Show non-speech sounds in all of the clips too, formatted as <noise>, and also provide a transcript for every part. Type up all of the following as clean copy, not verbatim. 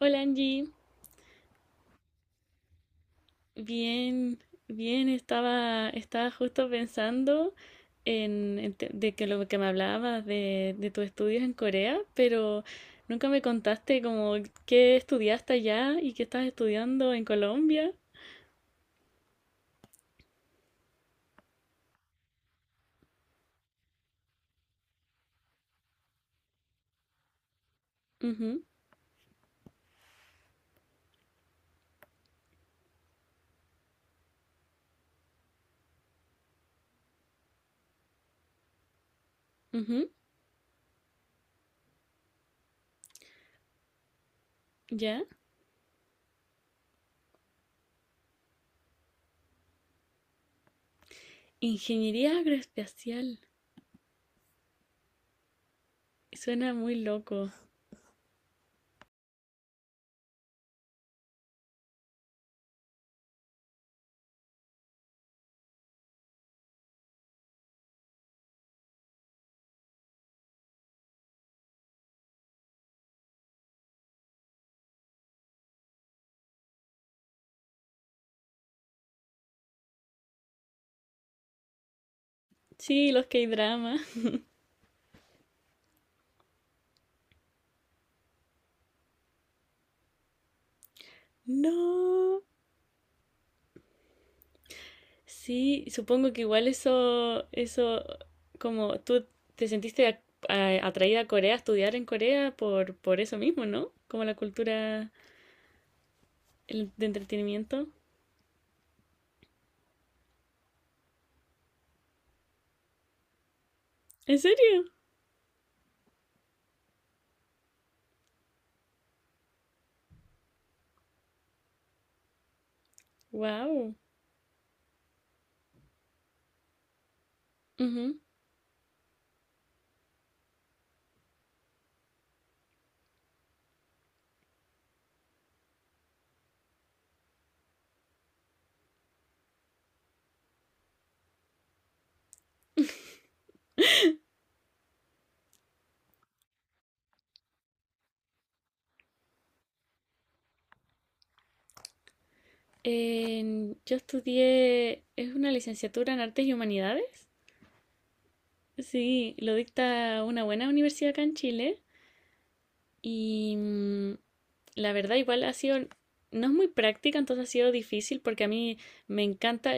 Hola, Angie. Bien, bien. Estaba justo pensando en de que lo que me hablabas de tus estudios en Corea, pero nunca me contaste como qué estudiaste allá y qué estás estudiando en Colombia. Ujú, ujú, ya. Ingeniería agroespacial. Suena muy loco. Sí, los K-dramas. <laughs> No. Sí, supongo que igual eso, como tú te sentiste atraída a Corea, a estudiar en Corea por eso mismo, ¿no? Como la cultura de entretenimiento. ¿En serio? Wow. Yo estudié, es una licenciatura en Artes y Humanidades. Sí, lo dicta una buena universidad acá en Chile y la verdad igual ha sido, no es muy práctica, entonces ha sido difícil porque a mí me encanta.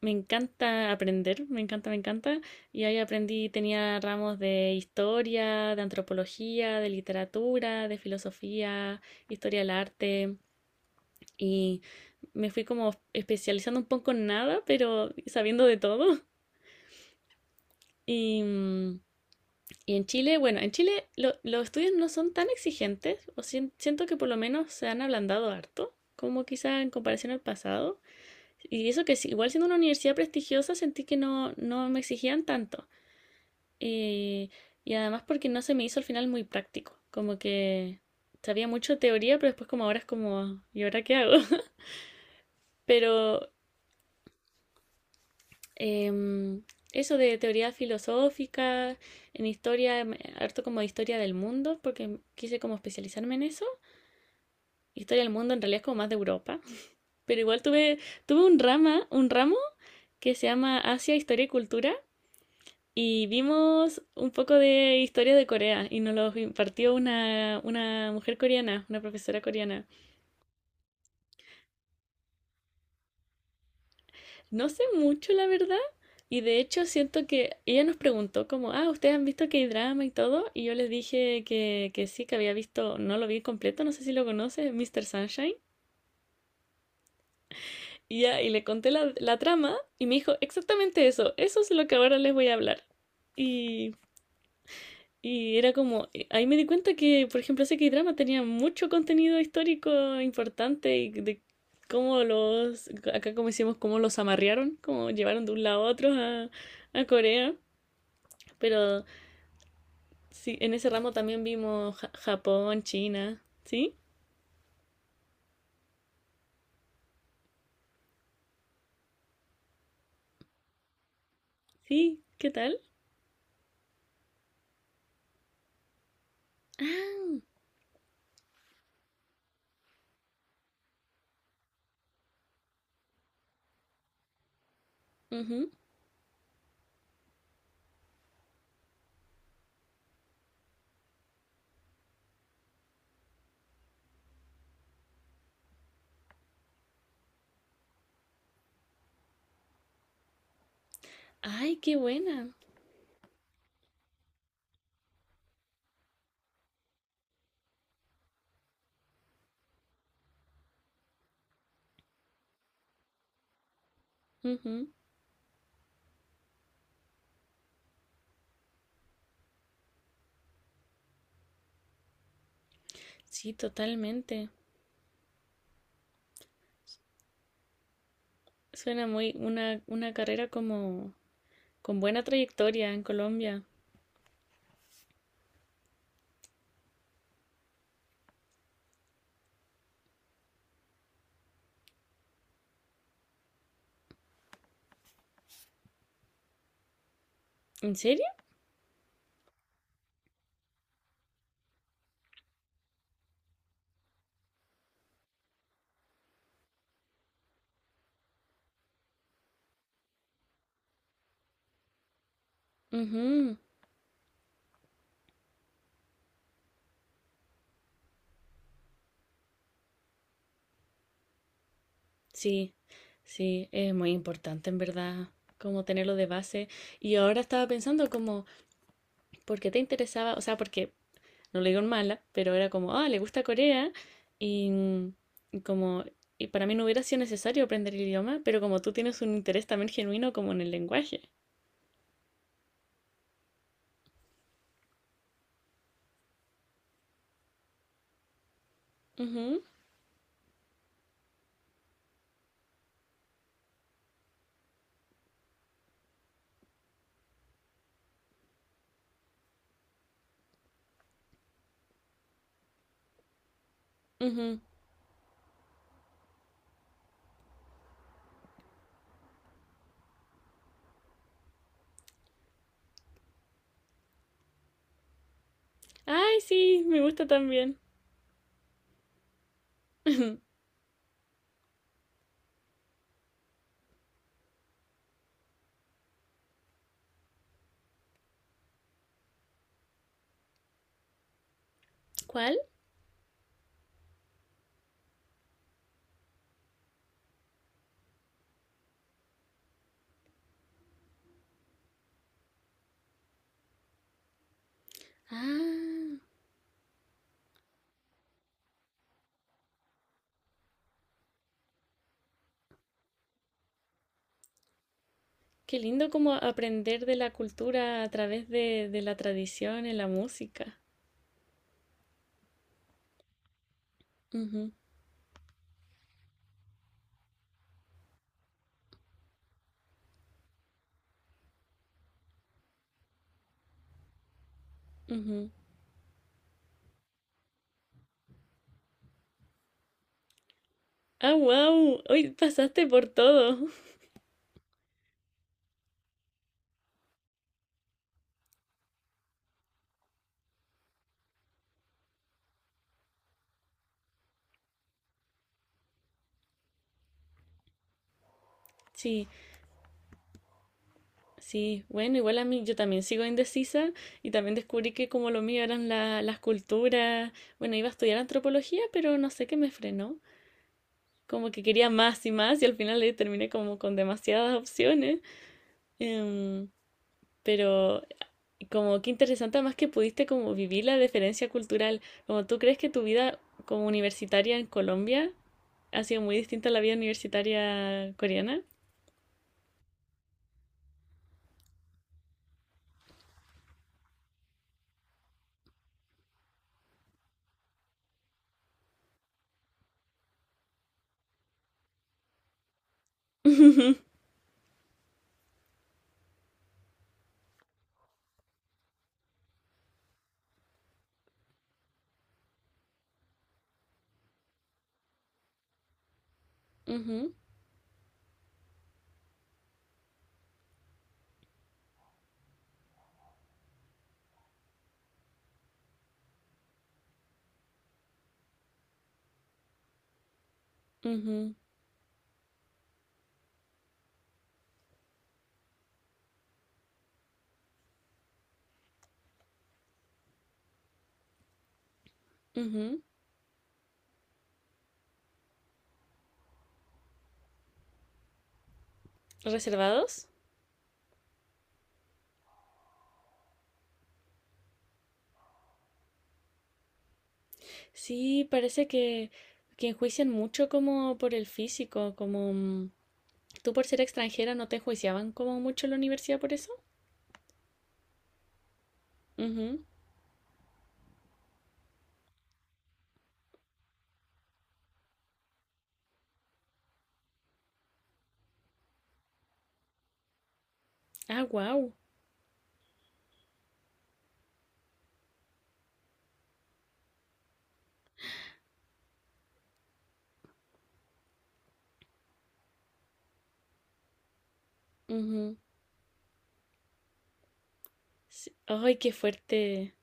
Me encanta aprender, me encanta, me encanta. Y ahí aprendí, tenía ramos de historia, de antropología, de literatura, de filosofía, historia del arte. Y me fui como especializando un poco en nada, pero sabiendo de todo. Y, mm, y en Chile, bueno, en Chile los estudios no son tan exigentes, o siento que por lo menos se han ablandado harto, como quizá en comparación al pasado. Y eso que sí, igual siendo una universidad prestigiosa sentí que no me exigían tanto. Y, y además porque no se me hizo al final muy práctico. Como que sabía mucho teoría, pero después como ahora es como, ¿y ahora qué hago? <laughs> Pero em, eso de teoría filosófica, en historia, harto como de historia del mundo, porque quise como especializarme en eso. Historia del mundo en realidad es como más de Europa. Pero igual tuve un ramo que se llama Asia, Historia y Cultura. Y vimos un poco de historia de Corea y nos lo impartió una mujer coreana, una profesora coreana. No sé mucho, la verdad, y de hecho siento que ella nos preguntó como, ah, ¿ustedes han visto K-drama y todo? Y yo les dije que sí, que había visto, no lo vi completo, no sé si lo conoces, Mr. Sunshine. Y, ya, le conté la trama y me dijo, exactamente eso es lo que ahora les voy a hablar. Y Y era como, ahí me di cuenta que, por ejemplo, ese K-drama tenía mucho contenido histórico importante y de cómo los, acá como decíamos, cómo los amarrearon, cómo llevaron de un lado a otro a Corea. Pero sí, en ese ramo también vimos Japón, China. ¿Sí? Sí, ¿qué tal? Ah, ujú. Ay, qué buena. Ujú. Sí, totalmente. Suena muy una carrera como con buena trayectoria en Colombia. ¿En serio? Ujú. Sí, sí, es muy importante en verdad como tenerlo de base. Y ahora estaba pensando como, ¿por qué te interesaba? O sea, porque no lo digo en mala, pero era como, ah, le gusta Corea y, mm, y como, y para mí no hubiera sido necesario aprender el idioma, pero como tú tienes un interés también genuino como en el lenguaje. Ujú, ujú. Ay, sí, me gusta también. <laughs> ¿Cuál? Ah, qué lindo como aprender de la cultura a través de la tradición en la música. Ujú. Ujú. Ah, wow, hoy pasaste por todo. <laughs> Sí, sí, bueno, igual a mí yo también sigo indecisa y también descubrí que como lo mío eran las culturas, bueno, iba a estudiar antropología, pero no sé qué me frenó. Como que quería más y más y al final terminé como con demasiadas opciones. Em, pero como que interesante más que pudiste como vivir la diferencia cultural, como tú crees que tu vida como universitaria en Colombia ha sido muy distinta a la vida universitaria coreana. Ujú, ujú, ujú. ¿Reservados? Sí, parece que enjuician mucho como por el físico, como. ¿Tú por ser extranjera no te enjuiciaban como mucho en la universidad por eso? Ujú. Ah, wow. Ay, qué fuerte.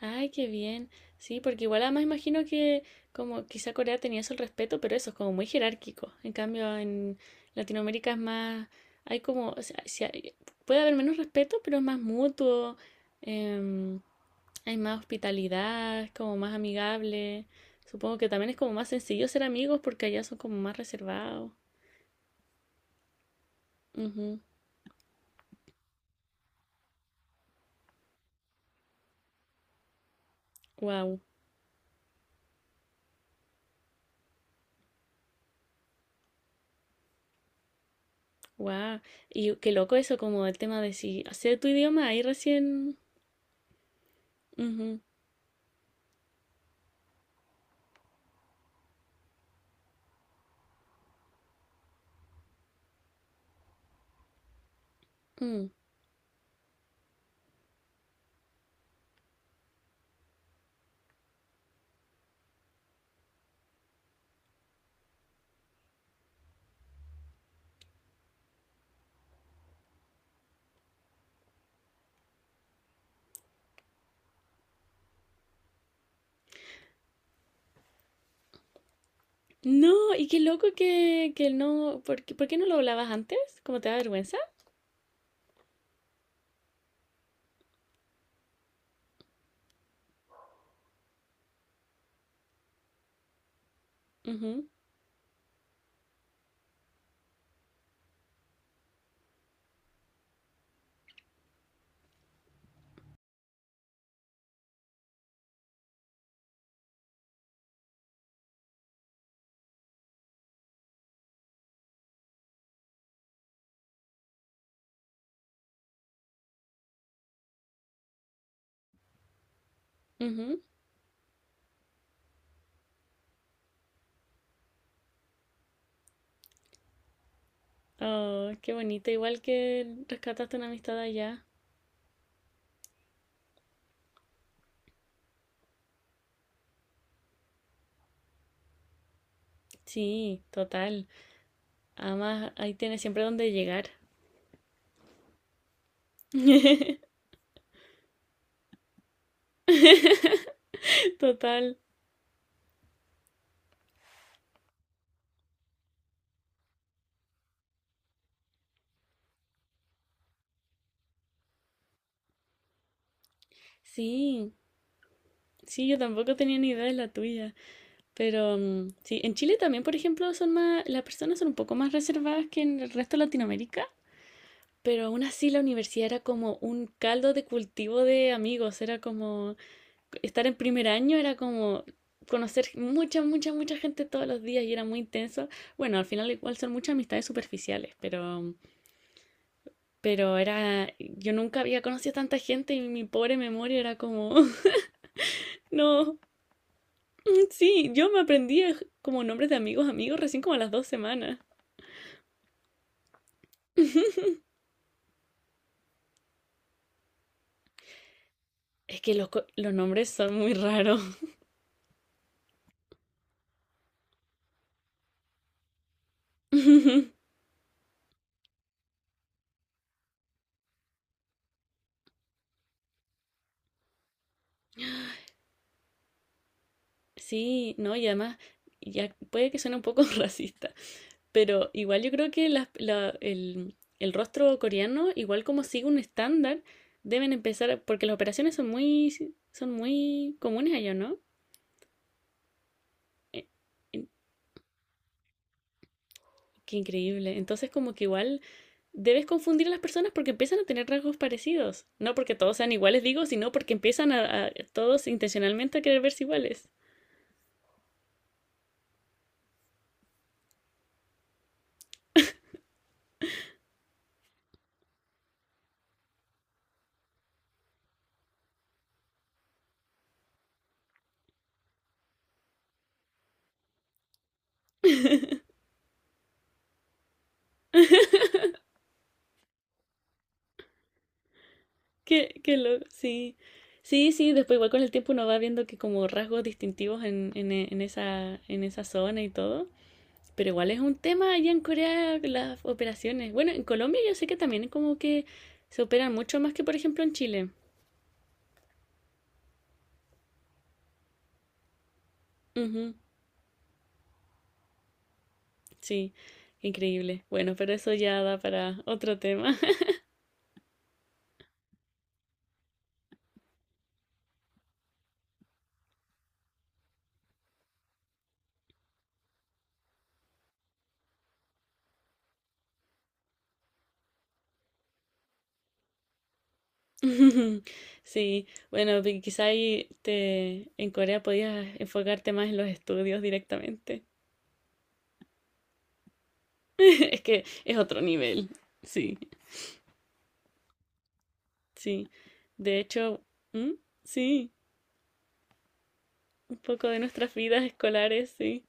Ay, qué bien. Sí, porque igual además imagino que como quizá Corea tenía eso el respeto, pero eso es como muy jerárquico. En cambio, en Latinoamérica es más, hay como, o sea, si puede haber menos respeto, pero es más mutuo, em, hay más hospitalidad, es como más amigable. Supongo que también es como más sencillo ser amigos porque allá son como más reservados. Wow, wow. Y qué loco eso como el tema de si hacer tu idioma ahí recién. Ujú. Mm. No, y qué loco que no. ¿Por qué no lo hablabas antes? ¿Cómo te da vergüenza? Ujú, ujú. Oh, qué bonito. Igual que rescataste una amistad allá. Sí, total. Además, ahí tienes siempre donde llegar. <laughs> Total. Sí, sí, yo tampoco tenía ni idea de la tuya. Pero sí, en Chile también, por ejemplo, son más, las personas son un poco más reservadas que en el resto de Latinoamérica. Pero aún así la universidad era como un caldo de cultivo de amigos, era como, estar en primer año era como conocer mucha, mucha, mucha gente todos los días y era muy intenso. Bueno, al final igual son muchas amistades superficiales, pero era, yo nunca había conocido a tanta gente y mi pobre memoria era como, <laughs> no, sí, yo me aprendí como nombres de amigos recién como a las 2 semanas. Es que los nombres son muy raros. <laughs> Sí, no, y además, ya puede que suene un poco <laughs> racista. Pero igual yo creo que el rostro coreano, igual como sigue un estándar, deben empezar, porque las operaciones son muy, si, son muy comunes allá, ¿no? Eh, en- qué increíble. Entonces como que igual debes confundir a las personas porque empiezan a tener rasgos parecidos. No porque todos sean iguales, digo, sino porque empiezan a todos intencionalmente a querer verse iguales. Qué loco, sí. Sí, sí, después igual con el tiempo uno va viendo que como rasgos distintivos en esa zona y todo. Pero igual es un tema allá en Corea las operaciones. Bueno, en Colombia yo sé que también como que se operan mucho más que por ejemplo en Chile. Ujú, sí, increíble. Bueno, pero eso ya da para otro tema. <laughs> Sí, bueno, quizá ahí en Corea podías enfocarte más en los estudios directamente. <laughs> Es que es otro nivel. Sí, sí. De hecho, ¿mm? Sí, un poco de nuestras vidas escolares, sí.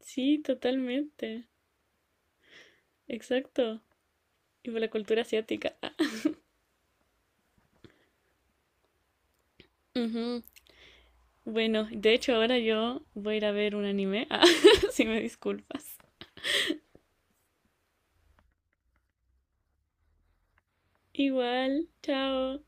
Sí, totalmente. Exacto. Y por la cultura asiática. Ah. Ujú. Bueno, de hecho ahora yo voy a ir a ver un anime. Ah, <laughs> si me disculpas. Igual, chao.